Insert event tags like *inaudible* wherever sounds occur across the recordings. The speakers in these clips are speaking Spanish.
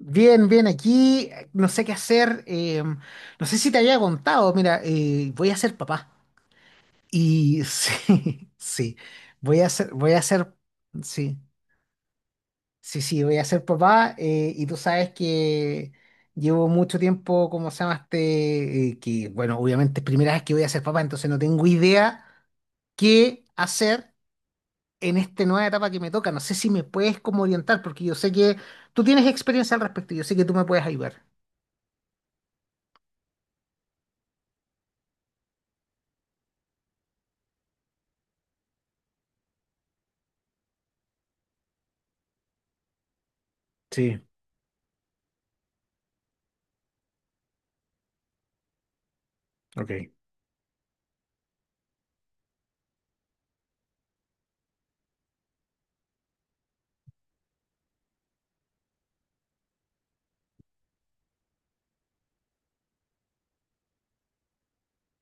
Bien, bien, aquí no sé qué hacer. No sé si te había contado, mira, voy a ser papá. Y sí, *laughs* sí, voy a ser, voy a ser, sí, sí, sí, voy a ser papá. Y tú sabes que llevo mucho tiempo. ¿Cómo se llama este? Que, bueno, obviamente es primera vez que voy a ser papá, entonces no tengo idea qué hacer en esta nueva etapa que me toca. No sé si me puedes como orientar, porque yo sé que tú tienes experiencia al respecto, yo sé que tú me puedes ayudar. Sí, ok.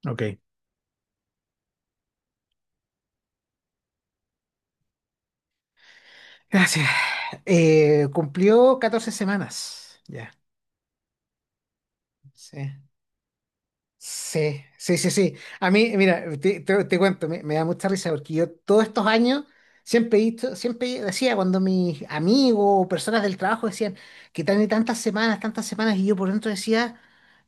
Ok. Gracias. Cumplió 14 semanas. Ya, sí. Sí, sí, sí, sí. A mí, mira, te cuento, me da mucha risa porque yo todos estos años siempre decía cuando mis amigos o personas del trabajo decían que tan y tantas semanas, y yo por dentro decía,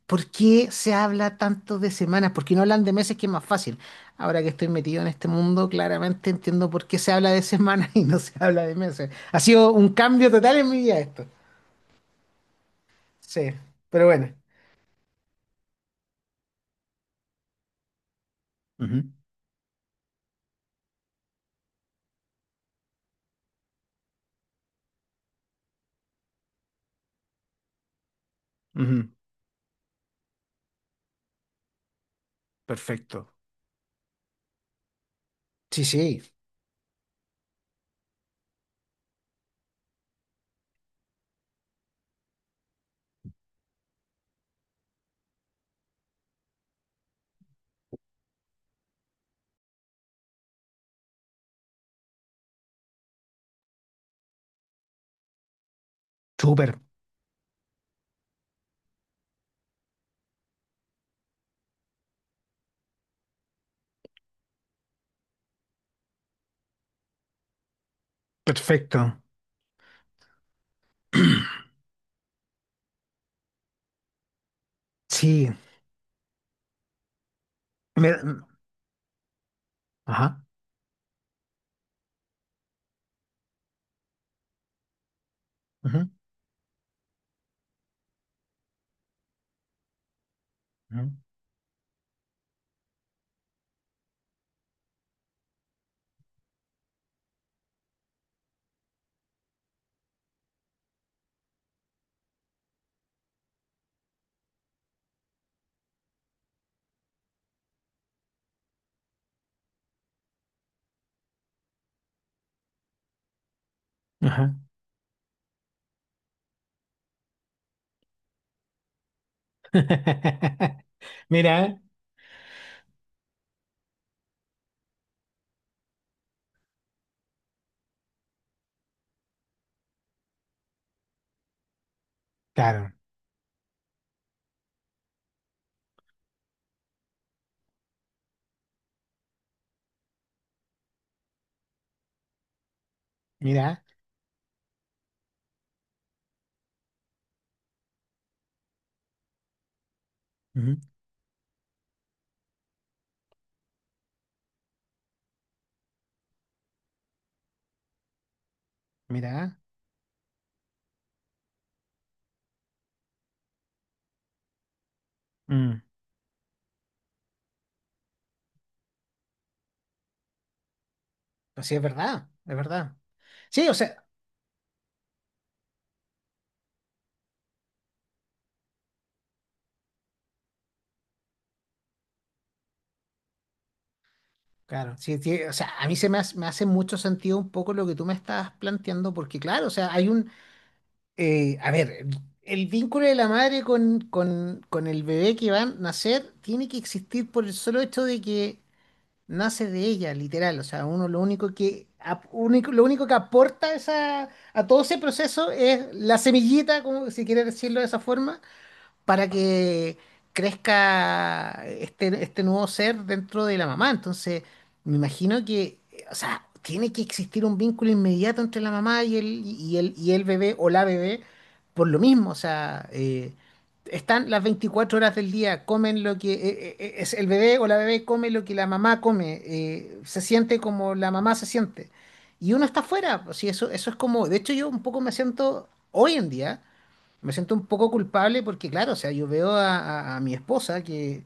¿por qué se habla tanto de semanas? ¿Por qué no hablan de meses que es más fácil? Ahora que estoy metido en este mundo, claramente entiendo por qué se habla de semanas *laughs* y no se habla de meses. Ha sido un cambio total en mi vida esto. Sí, pero bueno, ujú, ujú, perfecto. Sí, sí, súper, perfecto. *clears throat* Sí, me- ajá, ujú, ujú, ajá. *laughs* Mira, claro, mira, ujú, mira, mm, pues sí, es verdad, es verdad. Sí, o sea, claro, sí, sí, o sea, a mí se me hace mucho sentido un poco lo que tú me estás planteando, porque claro, o sea, a ver, el vínculo de la madre con el bebé que va a nacer tiene que existir por el solo hecho de que nace de ella, literal. O sea, uno lo único que, ap- único, lo único que aporta esa, a todo ese proceso es la semillita, como si quiere decirlo de esa forma, para que crezca este, este nuevo ser dentro de la mamá. Entonces, me imagino que, o sea, tiene que existir un vínculo inmediato entre la mamá y y el bebé o la bebé por lo mismo. O sea, están las 24 horas del día, comen lo que es el bebé o la bebé come lo que la mamá come, se siente como la mamá se siente. Y uno está afuera, pues, sí, eso es como, de hecho yo un poco me siento hoy en día. Me siento un poco culpable porque, claro, o sea, yo veo a, a mi esposa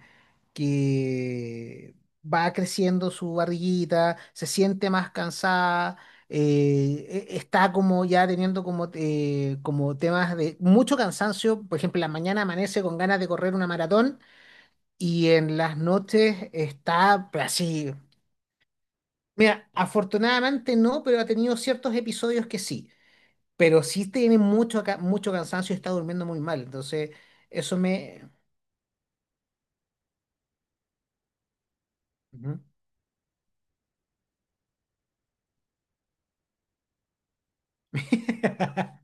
que va creciendo su barriguita, se siente más cansada, está como ya teniendo como, como temas de mucho cansancio. Por ejemplo, en la mañana amanece con ganas de correr una maratón y en las noches está pues, así. Mira, afortunadamente no, pero ha tenido ciertos episodios que sí, pero sí tiene mucho, mucho cansancio y está durmiendo muy mal. Entonces, eso me... Ujú. *laughs*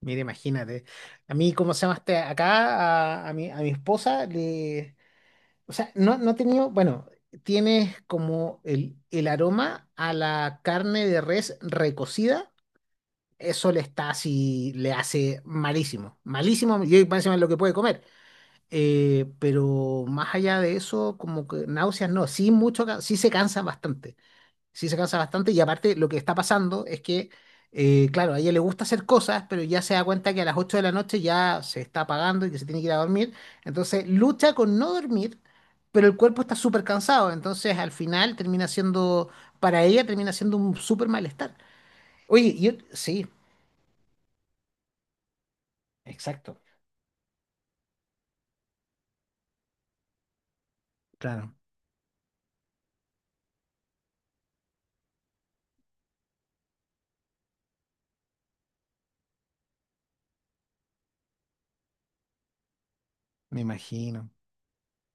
Mira, imagínate. A mí, ¿cómo se llama este? Acá, a, a mi esposa, le... O sea, no, no ha tenido... Bueno, tiene como el aroma a la carne de res recocida. Eso le está así, le hace malísimo. Malísimo, yo por encima es lo que puede comer. Pero más allá de eso, como que náuseas no, sí mucho, sí se cansan bastante. Sí se cansa bastante y aparte lo que está pasando es que, claro, a ella le gusta hacer cosas, pero ya se da cuenta que a las 8 de la noche ya se está apagando y que se tiene que ir a dormir. Entonces lucha con no dormir, pero el cuerpo está súper cansado. Entonces al final termina siendo, para ella termina siendo un súper malestar. Oye, yo, sí, exacto. Claro, me imagino,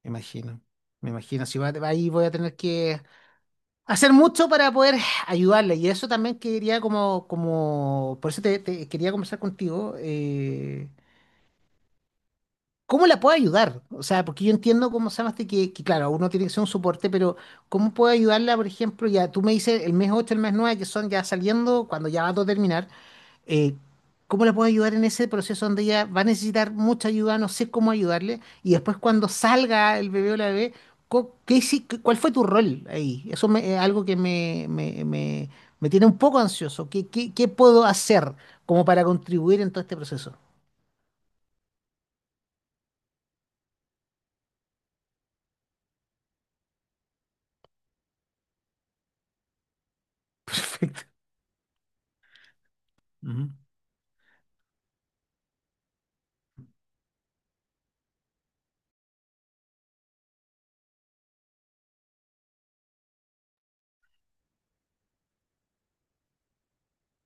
me imagino, me imagino. Si va- Ahí voy a tener que hacer mucho para poder ayudarle. Y eso también quería como, como, por eso te quería conversar contigo, ¿cómo la puedo ayudar? O sea, porque yo entiendo cómo se llama este que, claro, uno tiene que ser un soporte, pero ¿cómo puedo ayudarla, por ejemplo? Ya tú me dices el mes 8, el mes 9 que son ya saliendo, cuando ya va a todo terminar, eh, ¿cómo la puedo ayudar en ese proceso donde ella va a necesitar mucha ayuda? No sé cómo ayudarle. Y después cuando salga el bebé o la bebé, ¿Qué, cuál fue tu rol ahí? Es algo que me tiene un poco ansioso. ¿Qué, qué, qué puedo hacer como para contribuir en todo este proceso? *laughs* Perfecto. Ujú.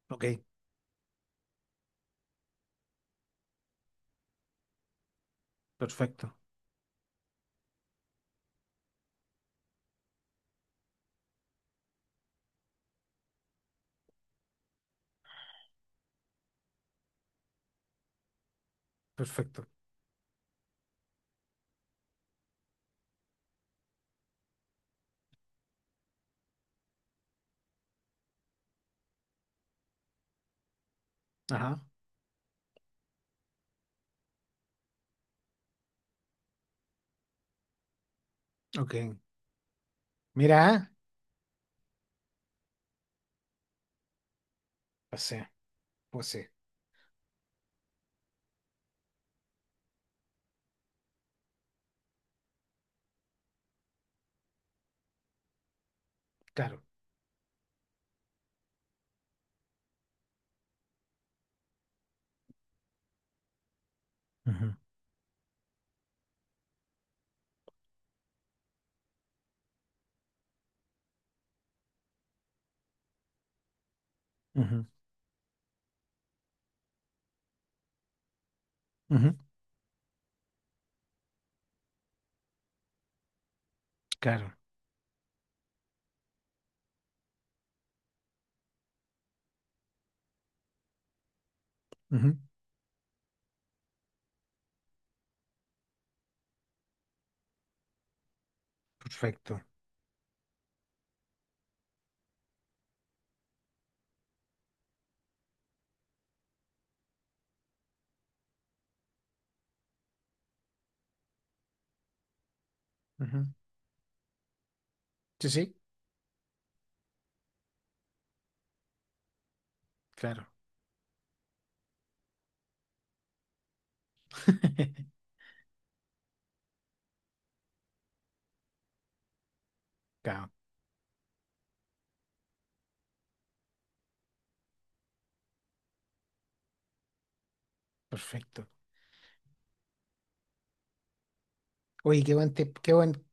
Ok, perfecto, perfecto. Ajá, ok. Mira, pues sí, pues sí, claro. Ujú, ujú, ujú, claro, ujú, perfecto. Ujú. Sí, sí, claro. Claro, perfecto. Oye, qué buen,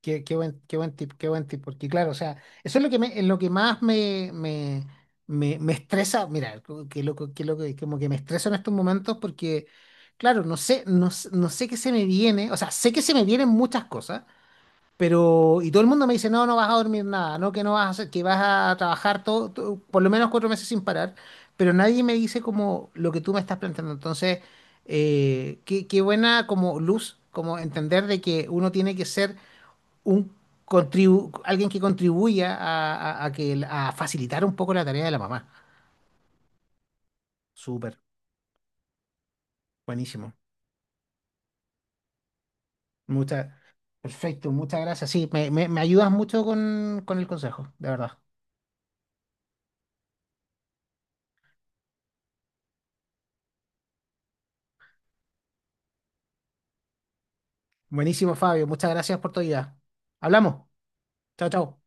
qué, qué buen tip, porque claro, o sea, eso es lo que me, lo que más me, me, me, me estresa, mira, qué loco, como que me estreso en estos momentos porque, claro, no sé, no, no sé qué se me viene, o sea, sé que se me vienen muchas cosas. Pero, y todo el mundo me dice, no, no vas a dormir nada, no, que no vas a hacer, que vas a trabajar todo, por lo menos 4 meses sin parar, pero nadie me dice como lo que tú me estás planteando. Entonces, qué, qué buena como luz, como entender de que uno tiene que ser un alguien que contribuya a, a que, a facilitar un poco la tarea de la mamá. Súper, buenísimo. Muchas, perfecto, muchas gracias. Sí, me, me ayudas mucho con el consejo, de verdad. Buenísimo, Fabio. Muchas gracias por tu ayuda. Hablamos. Chao, chao.